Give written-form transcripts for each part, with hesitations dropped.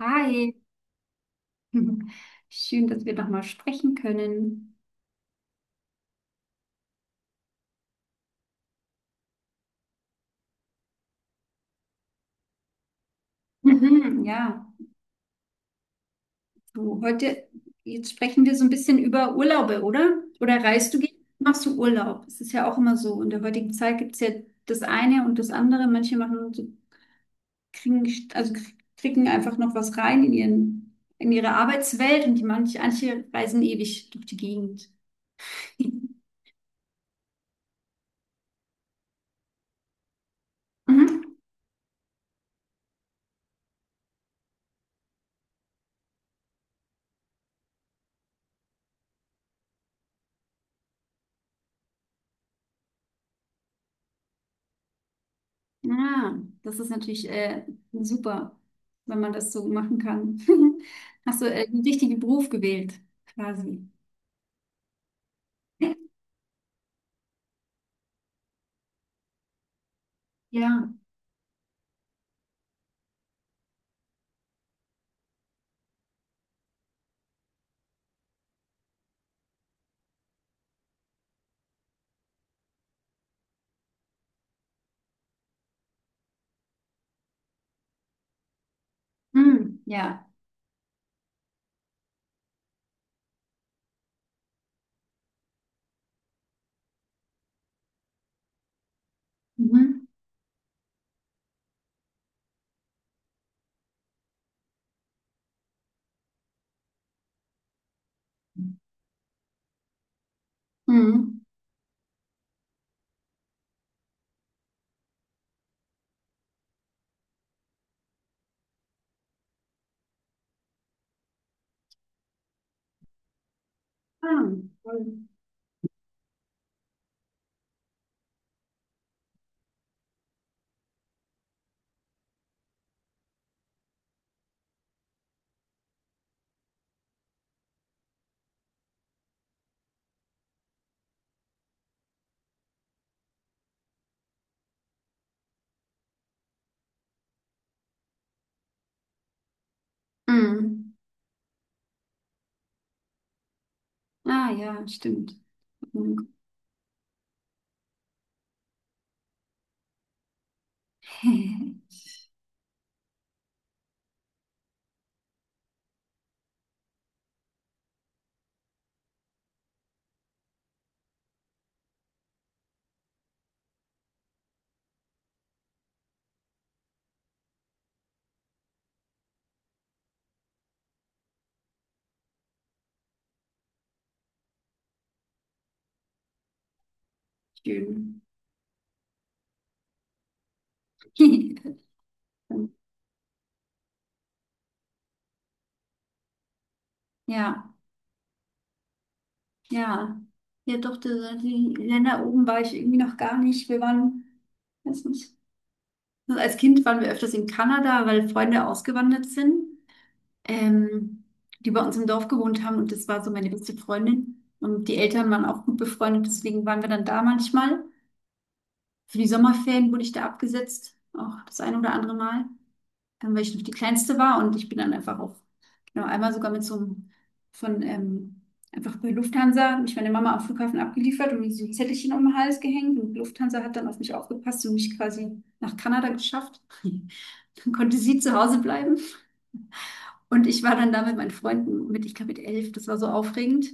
Hi, schön, dass wir nochmal sprechen können. Mhm, ja, du, heute, jetzt sprechen wir so ein bisschen über Urlaube, oder? Oder reist du, gern? Machst du Urlaub? Es ist ja auch immer so. In der heutigen Zeit gibt es ja das eine und das andere. Manche machen, so- kriegen, also kriegen einfach noch was rein in ihren, in ihre Arbeitswelt und die manche reisen ewig durch die Gegend. Ah, das ist natürlich super, wenn man das so machen kann. Hast du den richtigen Beruf gewählt, quasi. Ja. Mm, ja. Mhm. Mhm. Ah, toll. Mm. Ah, ja, stimmt. Mhm. Schön. Ja, ja. Ja, doch, die, die Länder oben war ich irgendwie noch gar nicht. Wir waren, weiß nicht. Also als Kind waren wir öfters in Kanada, weil Freunde ausgewandert sind. ähm, Die bei uns im Dorf gewohnt haben und das war so meine beste Freundin. Und die Eltern waren auch gut befreundet, deswegen waren wir dann da manchmal. Für die Sommerferien wurde ich da abgesetzt, auch das ein oder andere Mal, weil ich noch die Kleinste war und ich bin dann einfach auch, genau, einmal sogar mit so einem, von, ähm, einfach bei Lufthansa, hat mich meine Mama am Flughafen abgeliefert und mir so ein Zettelchen um den Hals gehängt und Lufthansa hat dann auf mich aufgepasst und mich quasi nach Kanada geschafft. Dann konnte sie zu Hause bleiben. Und ich war dann da mit meinen Freunden mit, ich glaube, mit 11, das war so aufregend.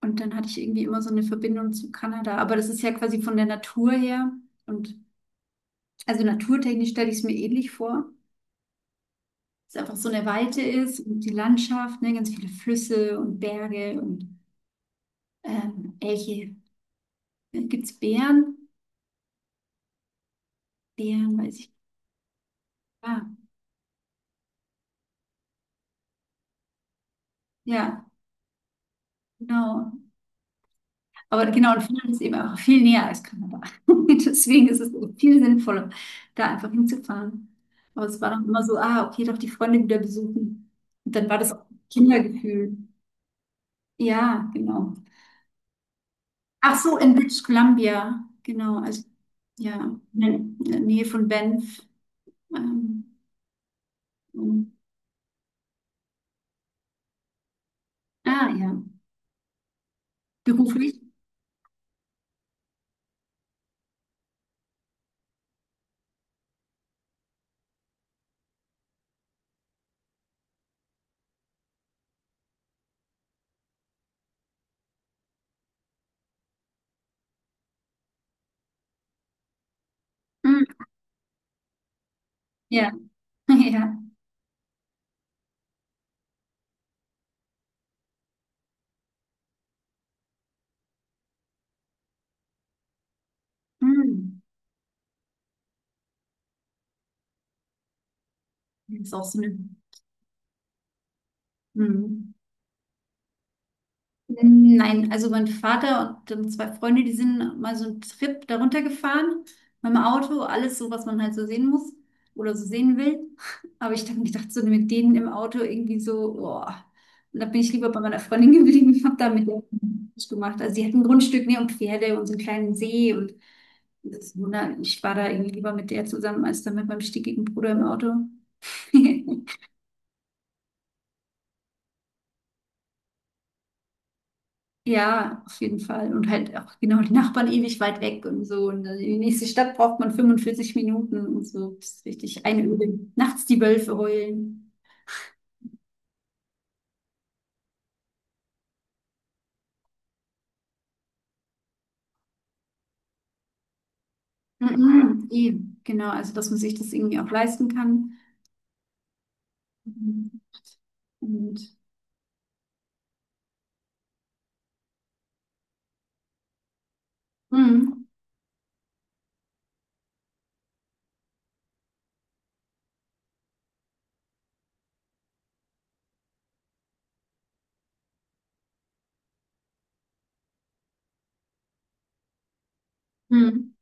Und dann hatte ich irgendwie immer so eine Verbindung zu Kanada. Aber das ist ja quasi von der Natur her. Und also naturtechnisch stelle ich es mir ähnlich vor. Dass es einfach so eine Weite ist und die Landschaft, ne, ganz viele Flüsse und Berge und Elche. Gibt es Bären? Bären, weiß ich. Ah, ja, genau. Aber genau, und Finnland ist eben einfach viel näher als Kanada. Deswegen ist es so viel sinnvoller, da einfach hinzufahren. Aber es war dann immer so, ah, okay, doch die Freunde wieder besuchen. Und dann war das auch ein Kindergefühl. Ja, genau. Ach so, in British Columbia, genau, also ja, in der Nähe von Banff. Ähm, und- ah, ja, beruflich. Mm, ja, ja. Mm. Das ist auch so eine. Mm. Nein, also mein Vater und zwei Freunde, die sind mal so einen Trip darunter gefahren mit dem Auto, alles so, was man halt so sehen muss oder so sehen will. Aber ich habe mir gedacht, so mit denen im Auto irgendwie so, boah. Und da bin ich lieber bei meiner Freundin geblieben, habe da mit ihr nichts gemacht. Also sie hat ein Grundstück, ne, und Pferde und so einen kleinen See und das, na, ich war da irgendwie lieber mit der zusammen als dann mit meinem stickigen Bruder im Auto. Ja, auf jeden Fall. Und halt auch genau die Nachbarn ewig weit weg und so. Und dann in die nächste Stadt braucht man 45 Minuten und so. Das ist richtig einöden. Nachts die Wölfe heulen. Mhm, eben, genau. Also, dass man sich das irgendwie auch leisten kann. Mhm. Und mhm. Mhm.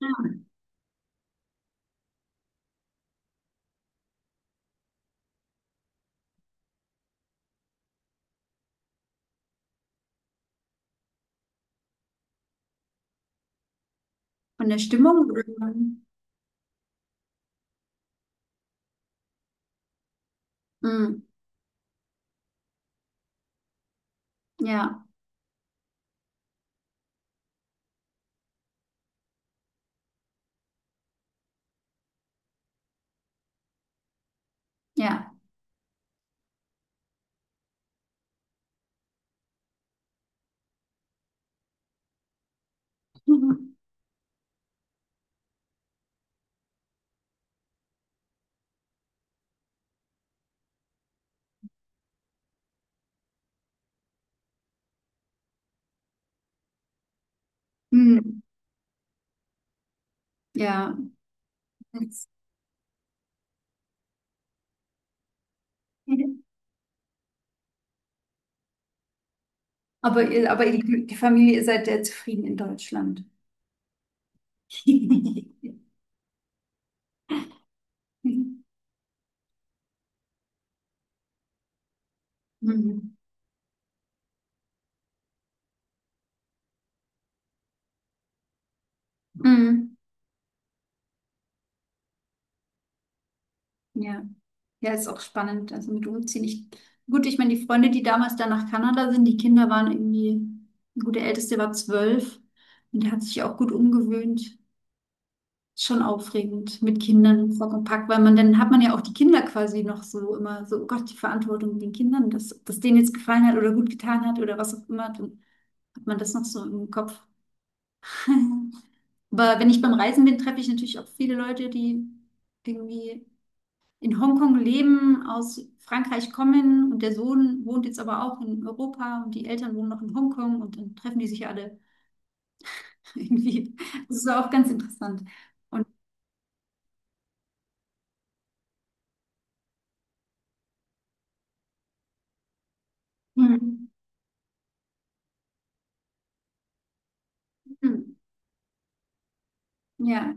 Ja. Von der Stimmung würde. Mhm. Ja, ja. Mhm. Mhm. Ja. Jetzt- aber, ihr- aber ihr- die Familie, ihr seid ja zufrieden in Deutschland. Mhm. Mhm. Ja. Ja, ist auch spannend. Also mit Umziehen. Ich, gut, ich meine, die Freunde, die damals da nach Kanada sind, die Kinder waren irgendwie, gut, der Älteste war 12 und der hat sich auch gut umgewöhnt. Schon aufregend mit Kindern Sack und Pack, weil man dann hat man ja auch die Kinder quasi noch so immer so, oh Gott, die Verantwortung mit den Kindern, dass das denen jetzt gefallen hat oder gut getan hat oder was auch immer, dann hat man das noch so im Kopf. Aber wenn ich beim Reisen bin, treffe ich natürlich auch viele Leute, die irgendwie in Hongkong leben, aus Frankreich kommen und der Sohn wohnt jetzt aber auch in Europa und die Eltern wohnen noch in Hongkong und dann treffen die sich ja alle irgendwie. Das ist auch ganz interessant. Und mhm. Mhm. Ja,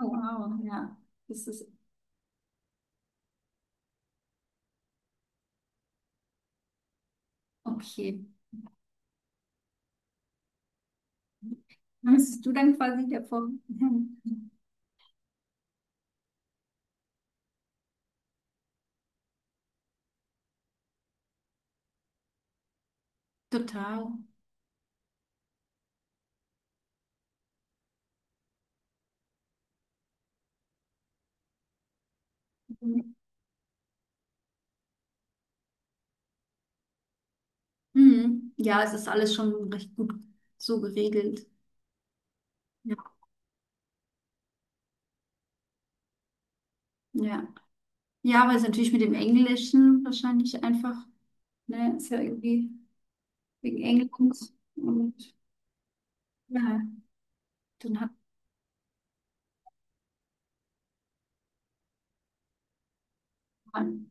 oh, wow, ja, das ist okay. Dann bist du dann quasi der Vor. Mhm. Total. Mhm. Mhm. Ja, es ist alles schon recht gut so geregelt. Ja, ja. Ja, weil es natürlich mit dem Englischen wahrscheinlich einfach, ne, ist ja irgendwie. Wegen Englisch. Und ja, dann hat man.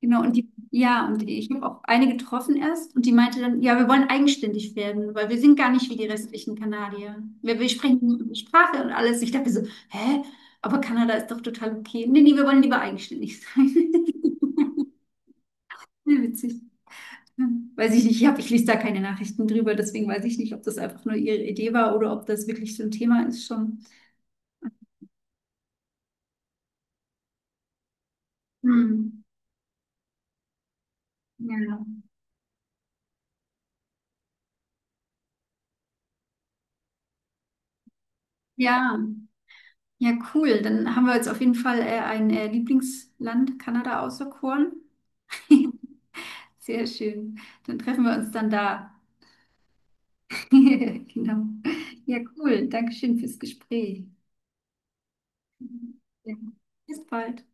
Genau, und die, ja, und die, ich habe auch eine getroffen erst und die meinte dann, ja, wir wollen eigenständig werden, weil wir sind gar nicht wie die restlichen Kanadier. Wir sprechen nur die Sprache und alles. Ich dachte so, hä? Aber Kanada ist doch total okay. Nee, nee, wir wollen lieber eigenständig sein. Ja, witzig. Ja. Weiß ich nicht, ich hab, ich lese da keine Nachrichten drüber, deswegen weiß ich nicht, ob das einfach nur ihre Idee war oder ob das wirklich so ein Thema ist schon. Hm. Ja. Ja. Ja, cool. Dann haben wir jetzt auf jeden Fall ein Lieblingsland Kanada auserkoren. Sehr schön. Dann treffen wir uns dann da. Genau. Ja, cool. Dankeschön fürs Gespräch. Ja. Bis bald.